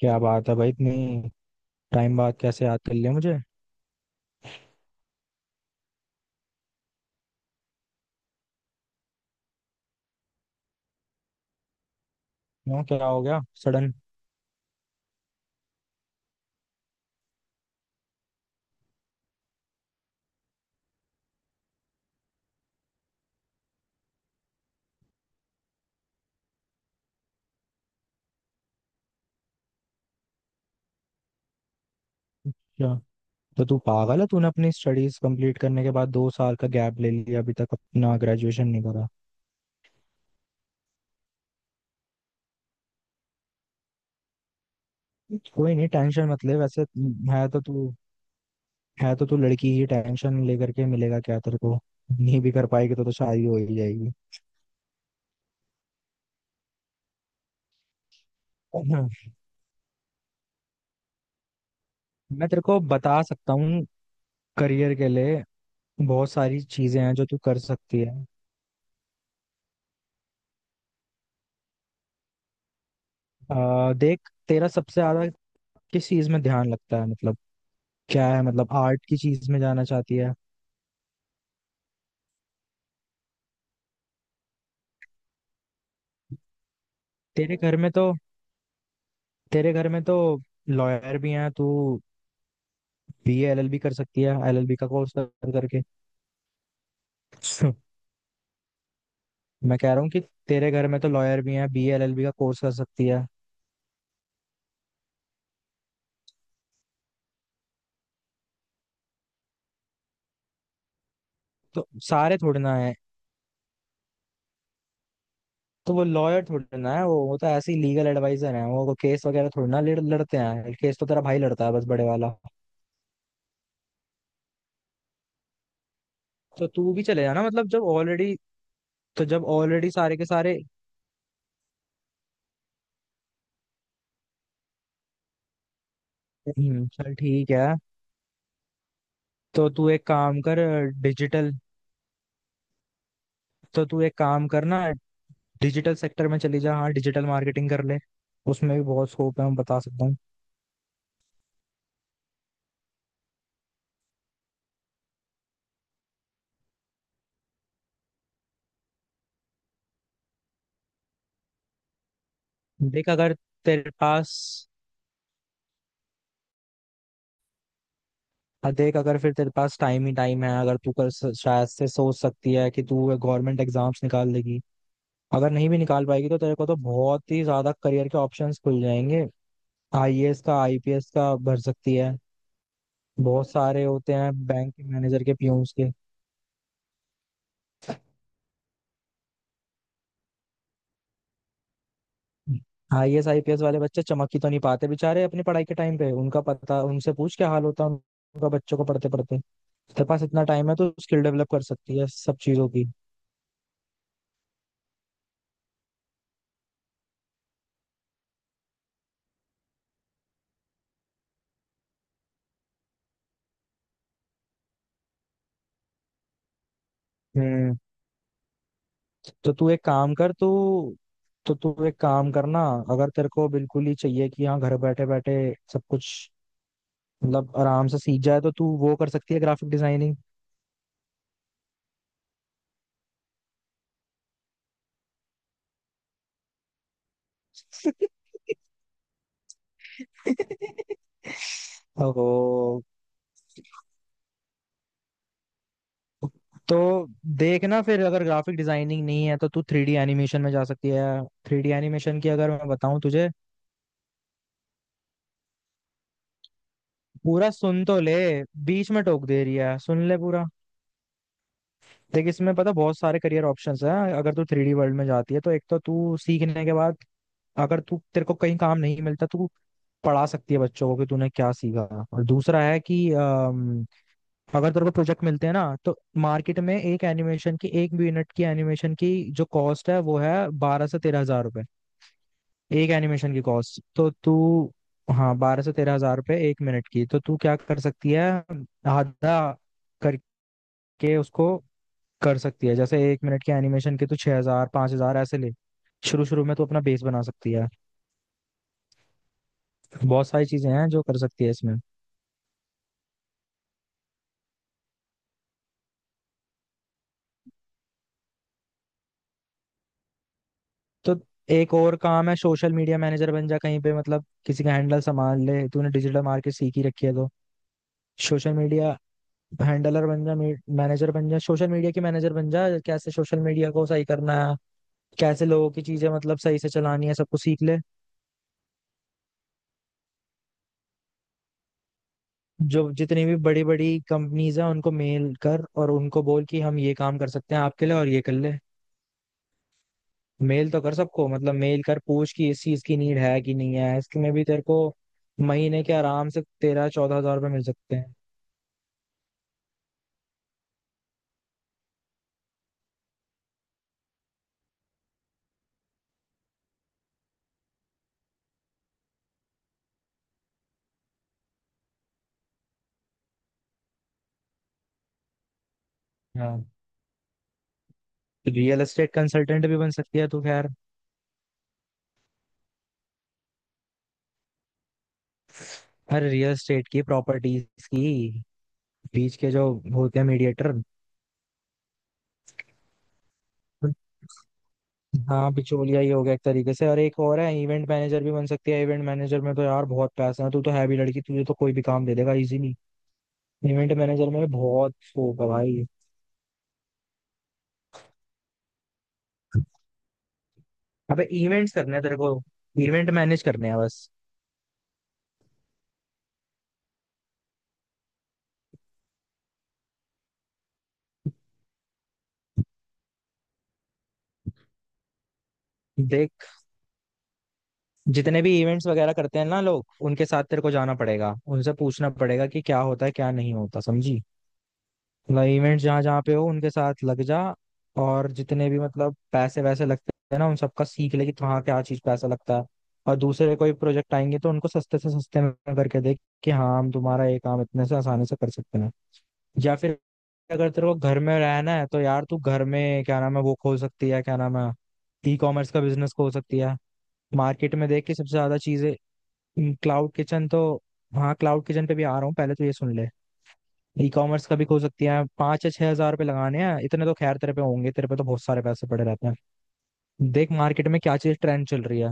क्या बात है भाई, इतनी टाइम बाद कैसे याद कर लिया मुझे। क्यों, क्या हो गया सडन। क्या, तो तू पागल है। तूने अपनी स्टडीज कंप्लीट करने के बाद 2 साल का गैप ले लिया, अभी तक अपना ग्रेजुएशन नहीं करा। कोई नहीं, टेंशन मत ले। वैसे है तो तू है तो तू लड़की ही, टेंशन लेकर के मिलेगा क्या तेरे को। नहीं भी कर पाएगी तो शादी हो ही जाएगी। मैं तेरे को बता सकता हूँ, करियर के लिए बहुत सारी चीजें हैं जो तू कर सकती है। देख, तेरा सबसे ज्यादा किस चीज में ध्यान लगता है, मतलब क्या है, मतलब आर्ट की चीज में जाना चाहती है। तेरे घर में तो तेरे घर में तो लॉयर भी हैं। तू बी एलएलबी कर सकती है, एलएलबी का कोर्स कर करके। मैं कह रहा हूँ कि तेरे घर में तो लॉयर भी हैं, बी एलएलबी का कोर्स कर सकती है। तो सारे थोड़े ना है, तो वो लॉयर थोड़े ना है। वो तो ऐसे ही लीगल एडवाइजर है, वो केस वगैरह थोड़ी ना लड़ते हैं। केस तो तेरा भाई लड़ता है बस, बड़े वाला। तो तू भी चले जाना, मतलब जब ऑलरेडी, तो जब ऑलरेडी सारे के सारे। चल ठीक है। तो तू एक काम कर डिजिटल, तो तू एक काम करना, डिजिटल सेक्टर में चली जा। हाँ, डिजिटल मार्केटिंग कर ले, उसमें भी बहुत स्कोप है, मैं बता सकता हूँ। देख अगर तेरे पास हाँ, देख, अगर फिर तेरे पास टाइम ही टाइम है, अगर तू कर, शायद से सोच सकती है कि तू गवर्नमेंट एग्जाम्स निकाल लेगी। अगर नहीं भी निकाल पाएगी तो तेरे को तो बहुत ही ज्यादा करियर के ऑप्शंस खुल जाएंगे। आईएएस का, IPS का भर सकती है। बहुत सारे होते हैं, बैंक के मैनेजर के, पीयूष के। आईएएस IPS वाले बच्चे चमक ही तो नहीं पाते बेचारे, अपनी पढ़ाई के टाइम पे उनका। पता उनसे पूछ क्या हाल होता है उनका, बच्चों को पढ़ते पढ़ते। तेरे पास इतना टाइम है तो स्किल डेवलप कर सकती है सब चीजों की। हम्म। तो तू एक काम कर तू तो तू एक काम करना, अगर तेरे को बिल्कुल ही चाहिए कि हाँ घर बैठे बैठे सब कुछ, मतलब आराम से सीख जाए, तो तू वो कर सकती है, ग्राफिक डिजाइनिंग। ओहो, तो देखना, फिर अगर ग्राफिक डिजाइनिंग नहीं है तो तू 3D एनिमेशन में जा सकती है। थ्री डी एनिमेशन की अगर मैं बताऊं तुझे, पूरा सुन तो ले। बीच में टोक दे रही है, सुन ले पूरा। देख, इसमें पता बहुत सारे करियर ऑप्शंस हैं। अगर तू 3D वर्ल्ड में जाती है तो एक तो तू सीखने के बाद, अगर तू, तेरे को कहीं काम नहीं मिलता तो तू पढ़ा सकती है बच्चों को कि तूने क्या सीखा। और दूसरा है कि अगर तेरे को प्रोजेक्ट मिलते हैं ना, तो मार्केट में एक एनिमेशन की, एक यूनिट की एनिमेशन की जो कॉस्ट है, वो है 12 से 13 हजार रुपए। एक एनिमेशन की कॉस्ट, तो तू, हाँ 12 से 13 हजार रुपए एक मिनट की। तो तू क्या कर सकती है, आधा करके उसको कर सकती है। जैसे एक मिनट के एनिमेशन के तो 6 हजार, 5 हजार ऐसे ले। शुरू शुरू में तो अपना बेस बना सकती है। बहुत सारी चीजें हैं जो कर सकती है इसमें। तो एक और काम है, सोशल मीडिया मैनेजर बन जा कहीं पे, मतलब किसी का हैंडल संभाल ले। तूने डिजिटल मार्केट सीख ही रखी है तो सोशल मीडिया हैंडलर बन जा, मैनेजर बन जा। सोशल मीडिया की मैनेजर बन जा, कैसे सोशल मीडिया को सही करना है, कैसे लोगों की चीजें, मतलब सही से चलानी है, सबको सीख ले। जो जितनी भी बड़ी बड़ी कंपनीज हैं, उनको मेल कर और उनको बोल कि हम ये काम कर सकते हैं आपके लिए, और ये कर ले। मेल तो कर सबको, मतलब मेल कर पूछ कि इस चीज की नीड है कि नहीं है। इसमें भी तेरे को महीने के आराम से 13-14 हजार रुपये मिल सकते हैं। हाँ, रियल एस्टेट कंसल्टेंट भी बन सकती है तो, खैर, हर रियल एस्टेट की प्रॉपर्टीज की बीच के जो होते हैं, मीडिएटर। हाँ, बिचौलिया ही हो गया एक तरीके से। और एक और है, इवेंट मैनेजर भी बन सकती है। इवेंट मैनेजर में तो यार बहुत पैसा है। तू तो है भी लड़की, तुझे तो कोई भी काम दे देगा इजीली। इवेंट मैनेजर में बहुत स्कोप है भाई। अबे, इवेंट्स करने हैं तेरे को, इवेंट मैनेज करने हैं बस। देख, जितने भी इवेंट्स वगैरह करते हैं ना लोग, उनके साथ तेरे को जाना पड़ेगा, उनसे पूछना पड़ेगा कि क्या होता है क्या नहीं होता, समझी। मतलब इवेंट जहाँ जहाँ पे हो, उनके साथ लग जा। और जितने भी, मतलब, पैसे वैसे लगते हैं ना, उन सबका सीख ले कि कहाँ क्या चीज पैसा लगता है। और दूसरे कोई प्रोजेक्ट आएंगे तो उनको सस्ते से सस्ते में करके देख कि हाँ हम तुम्हारा ये काम इतने से आसानी से कर सकते हैं। या फिर अगर तेरे को घर में रहना है तो यार, तू घर में, क्या नाम है, वो खोल सकती है, क्या नाम है, ई कॉमर्स का बिजनेस खोल सकती है। मार्केट में देख के सबसे ज्यादा चीजें, क्लाउड किचन तो, हाँ क्लाउड किचन पे भी आ रहा हूँ, पहले तो ये सुन ले। ई कॉमर्स का भी खोल सकती है, 5 या 6 हजार रुपये लगाने हैं, इतने तो खैर तेरे पे होंगे, तेरे पे तो बहुत सारे पैसे पड़े रहते हैं। देख मार्केट में क्या चीज ट्रेंड चल रही है।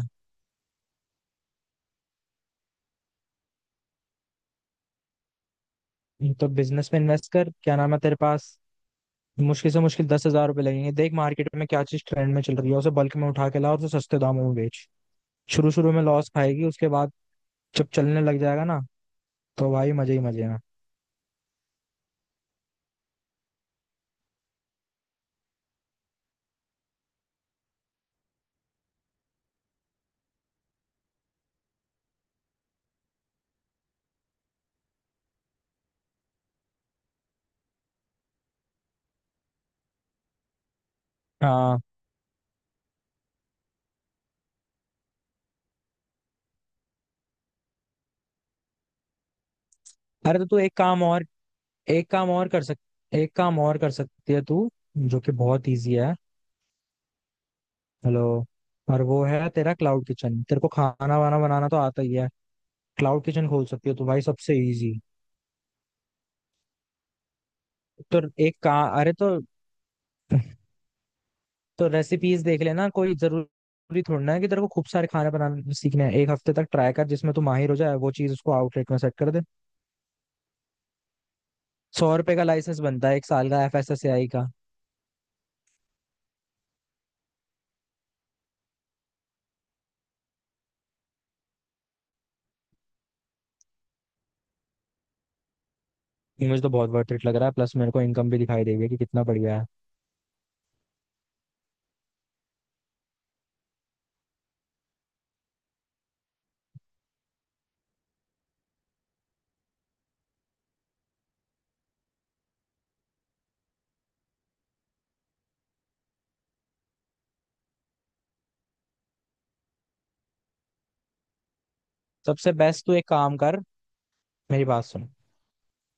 तो बिजनेस में इन्वेस्ट कर, क्या नाम है, तेरे पास मुश्किल से मुश्किल 10 हजार रुपये लगेंगे। देख मार्केट में क्या चीज ट्रेंड में चल रही है, उसे बल्क में उठा के ला और उसे सस्ते दामों में बेच। शुरू शुरू में लॉस खाएगी, उसके बाद जब चलने लग जाएगा ना, तो भाई मजे ही मजे हैं। हाँ, अरे, तो तू एक काम और, एक काम और कर सक एक काम और कर सकती है तू, जो कि बहुत ईजी है। हेलो, और वो है तेरा क्लाउड किचन। तेरे को खाना वाना बनाना तो आता ही है, क्लाउड किचन खोल सकती हो तो भाई सबसे इजी। तो एक का अरे, तो रेसिपीज देख लेना, कोई जरूरी थोड़ी ना है कि तेरे को खूब सारे खाने बनाने सीखने हैं। एक हफ्ते तक ट्राई कर जिसमें तू माहिर हो जाए, वो चीज उसको आउटलेट में सेट कर दे। 100 रुपए का लाइसेंस बनता है एक साल का, FSSAI का। ये, मुझे तो बहुत वर्थ इट लग रहा है, प्लस मेरे को इनकम भी दिखाई देगी कि कितना बढ़िया है। सबसे बेस्ट तू एक काम कर, मेरी बात सुन,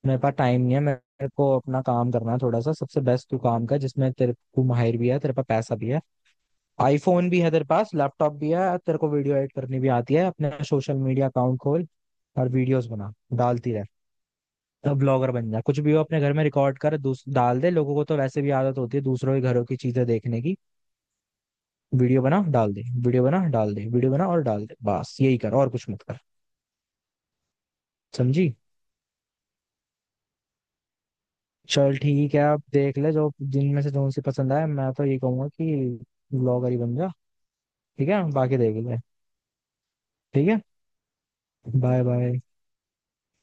मेरे पास टाइम नहीं है, मेरे को अपना काम करना है थोड़ा सा। सबसे बेस्ट तू काम कर जिसमें तेरे को माहिर भी है, तेरे पास पैसा भी है, आईफोन भी है, तेरे पास लैपटॉप भी है, तेरे को वीडियो एडिट करनी भी आती है। अपने सोशल मीडिया अकाउंट खोल और वीडियोस बना, डालती रह। तब ब्लॉगर बन जा, कुछ भी हो, अपने घर में रिकॉर्ड कर डाल दे। लोगों को तो वैसे भी आदत होती है दूसरों के घरों की चीजें देखने की। वीडियो बना डाल दे, वीडियो बना डाल दे, वीडियो बना और डाल दे, बस यही कर और कुछ मत कर, समझी। चल ठीक है, आप देख ले जो जिनमें से जो सी पसंद आए। मैं तो ये कहूंगा कि ब्लॉगर ही बन जा, ठीक है बाकी देख ले। ठीक है, बाय बाय।